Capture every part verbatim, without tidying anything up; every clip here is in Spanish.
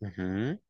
Ujú.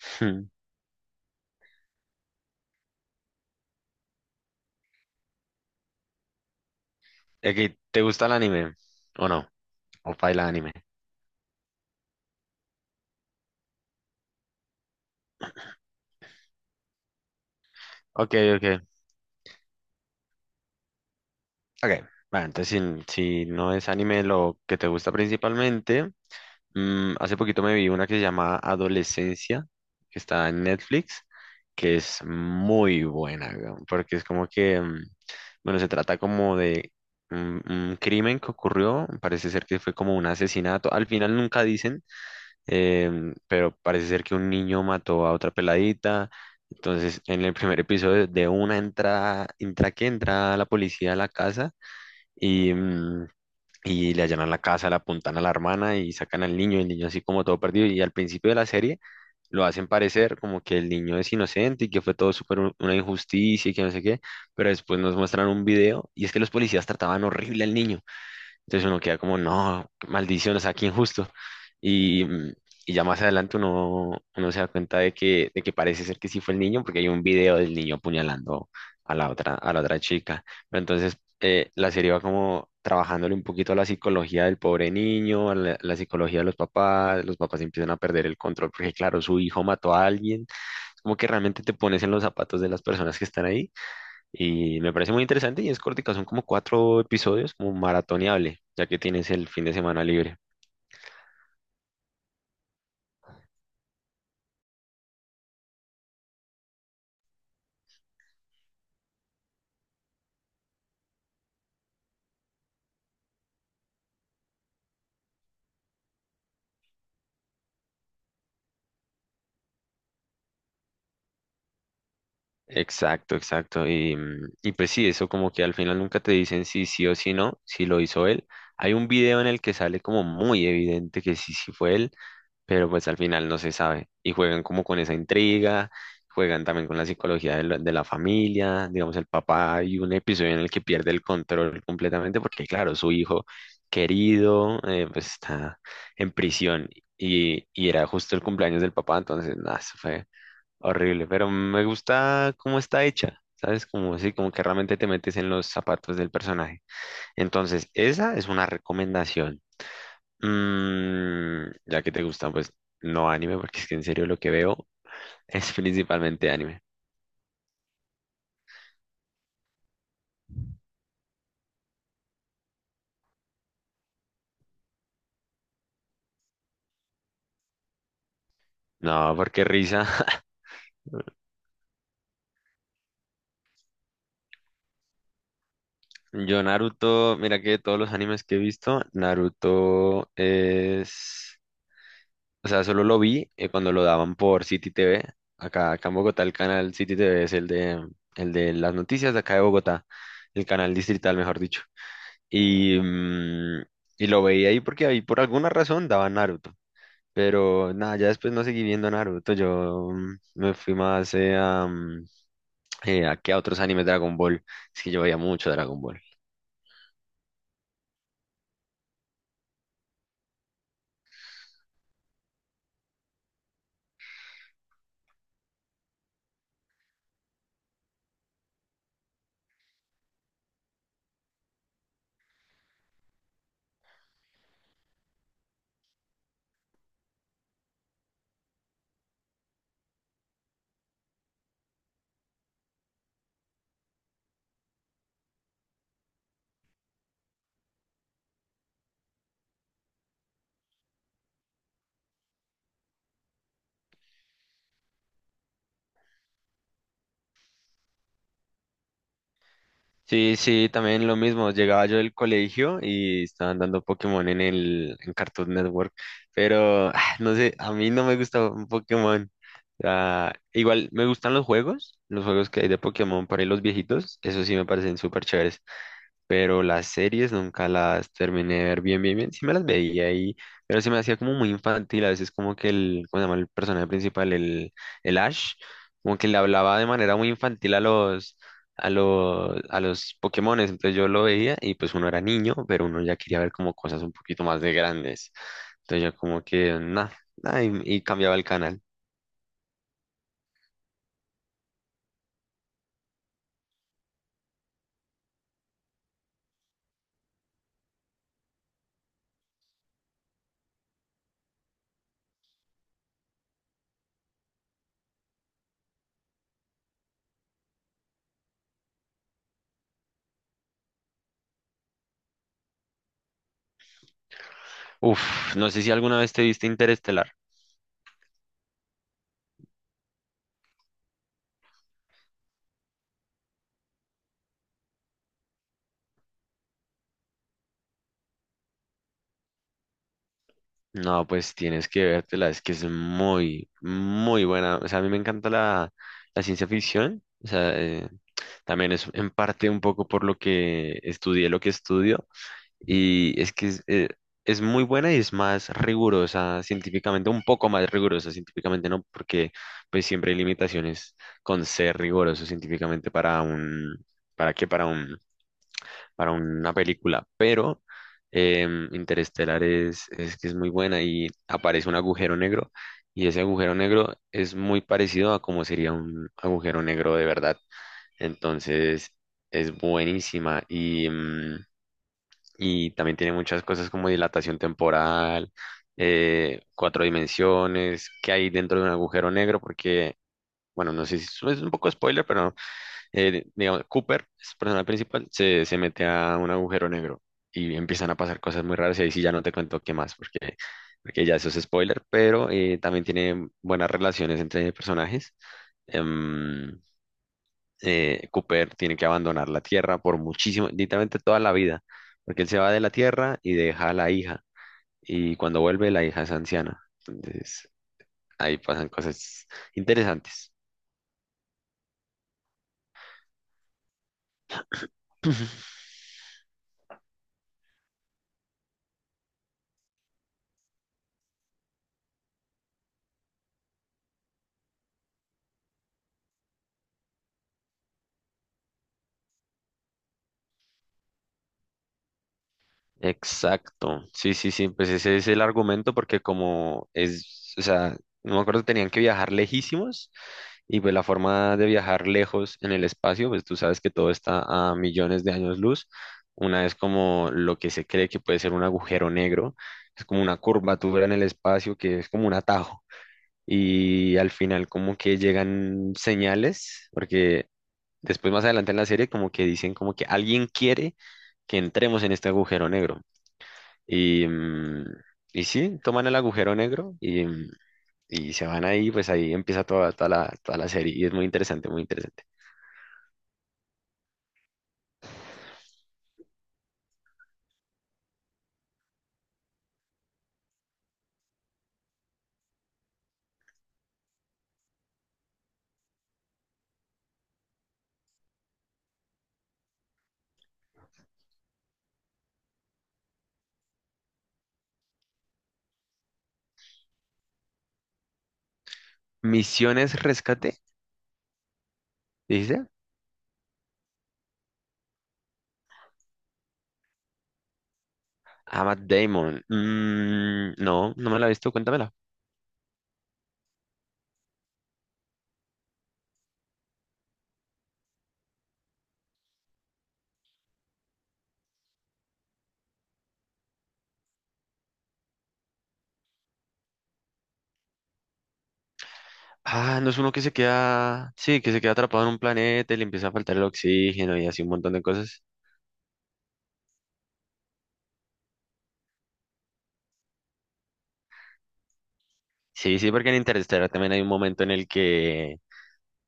Hmm. Ok, ¿te gusta el anime? ¿O no? ¿O baila anime? Ok, ok. Ok. Bueno, entonces si, si no es anime lo que te gusta principalmente, mm, hace poquito me vi una que se llama Adolescencia, que está en Netflix, que es muy buena, weón, porque es como que, mm, bueno, se trata como de un un crimen que ocurrió, parece ser que fue como un asesinato, al final nunca dicen. Em, pero parece ser que un niño mató a otra peladita. Entonces, en el primer episodio, de una entrada, entra que entra la policía a la casa y, mm, y le allanan la casa, le apuntan a la hermana y sacan al niño, el niño así como todo perdido. Y al principio de la serie lo hacen parecer como que el niño es inocente y que fue todo súper un- una injusticia y que no sé qué, pero después nos muestran un video y es que los policías trataban horrible al niño. Entonces uno queda como, no, qué maldición, o sea, qué injusto. Y, mm, y ya más adelante uno, uno se da cuenta de que, de que parece ser que sí fue el niño, porque hay un video del niño apuñalando a la otra, a la otra chica. Pero entonces eh, la serie va como trabajándole un poquito a la psicología del pobre niño, a la, la psicología de los papás, los papás empiezan a perder el control, porque claro, su hijo mató a alguien. Como que realmente te pones en los zapatos de las personas que están ahí y me parece muy interesante y es cortica, son como cuatro episodios, como maratoneable, ya que tienes el fin de semana libre. Exacto, exacto. Y, mm, y pues sí, eso como que al final nunca te dicen si sí o si no, si lo hizo él. Hay un video en el que sale como muy evidente que sí, sí fue él, pero pues al final no se sabe. Y juegan como con esa intriga, juegan también con la psicología de la, de la familia, digamos el papá, hay un episodio en el que pierde el control completamente porque claro, su hijo querido eh, pues está en prisión y, y era justo el cumpleaños del papá, entonces nada, eso fue horrible, pero me gusta cómo está hecha. ¿Sabes? Como así, como que realmente te metes en los zapatos del personaje. Entonces, esa es una recomendación. Mm, ya que te gustan, pues no anime, porque es que en serio lo que veo es principalmente anime. No, porque risa. Yo Naruto, mira que de todos los animes que he visto, Naruto es... O sea, solo lo vi eh, cuando lo daban por City T V. Acá, acá en Bogotá el canal City T V es el de, el de las noticias de acá de Bogotá, el canal distrital, mejor dicho. Y, mm, y lo veía ahí porque ahí por alguna razón daban Naruto. Pero nada, ya después no seguí viendo Naruto. Yo mm, me fui más eh, a, mm, eh, a, que a otros animes de Dragon Ball. Es que yo veía mucho Dragon Ball. Sí, sí, también lo mismo. Llegaba yo del colegio y estaban dando Pokémon en el en Cartoon Network. Pero ah, no sé, a mí no me gusta un Pokémon. Ah, igual me gustan los juegos, los juegos que hay de Pokémon para los viejitos. Eso sí me parecen súper chéveres. Pero las series nunca las terminé de ver bien, bien, bien. Sí me las veía ahí, pero se me hacía como muy infantil. A veces como que el, ¿cómo se llama el personaje principal? El, el Ash, como que le hablaba de manera muy infantil a los, a los, a los Pokémones. Entonces yo lo veía y pues uno era niño, pero uno ya quería ver como cosas un poquito más de grandes. Entonces yo como que, nada, y, y cambiaba el canal. Uf, no sé si alguna vez te viste Interestelar. No, pues tienes que vértela, es que es muy, muy buena. O sea, a mí me encanta la, la ciencia ficción. O sea, eh, también es en parte un poco por lo que estudié, lo que estudio. Y es que es, eh, es muy buena y es más rigurosa científicamente, un poco más rigurosa científicamente, ¿no? Porque pues siempre hay limitaciones con ser riguroso científicamente para un, ¿para qué? Para un para una película, pero em, Interestelar es, es que es muy buena y aparece un agujero negro y ese agujero negro es muy parecido a como sería un agujero negro de verdad. Entonces es buenísima y, mm, y también tiene muchas cosas como dilatación temporal, eh, cuatro dimensiones, qué hay dentro de un agujero negro, porque, bueno, no sé si es un poco spoiler, pero eh, digamos, Cooper, es el personaje principal, se, se mete a un agujero negro y empiezan a pasar cosas muy raras y ahí sí ya no te cuento qué más, porque, porque ya eso es spoiler, pero eh, también tiene buenas relaciones entre personajes. Em, eh, Cooper tiene que abandonar la Tierra por muchísimo, literalmente toda la vida, porque él se va de la Tierra y deja a la hija, y cuando vuelve la hija es anciana. Entonces, ahí pasan cosas interesantes. Exacto, sí, sí, sí, pues ese es el argumento porque como es, o sea, no me acuerdo, tenían que viajar lejísimos y pues la forma de viajar lejos en el espacio, pues tú sabes que todo está a millones de años luz, una es como lo que se cree que puede ser un agujero negro, es como una curvatura en el espacio que es como un atajo y al final como que llegan señales, porque después más adelante en la serie como que dicen como que alguien quiere que entremos en este agujero negro. Y, mm, y sí, toman el agujero negro y, mm, y se van ahí, pues ahí empieza toda, toda la, toda la serie y es muy interesante, muy interesante. Misiones Rescate, dice. Ah, Matt Damon. Mm, no, no me la he visto, cuéntamela. Ah, no es uno que se queda, sí, que se queda atrapado en un planeta y le empieza a faltar el oxígeno y así un montón de cosas. Sí, sí, porque en Interstellar también hay un momento en el que,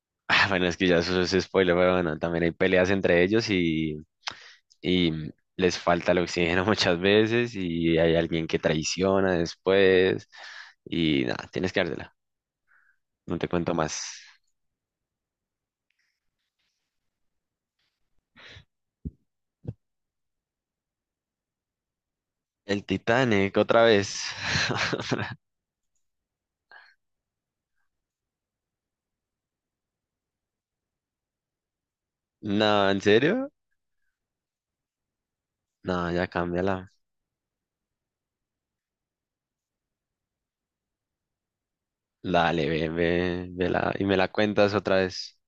ah, bueno, es que ya eso es spoiler, pero bueno, también hay peleas entre ellos y les falta el oxígeno muchas veces y hay alguien que traiciona después y nada, tienes que dártela. No te cuento más. El Titanic, otra vez. No, ¿en serio? No, ya cámbiala. Dale, ve, ve, vela y me la cuentas otra vez.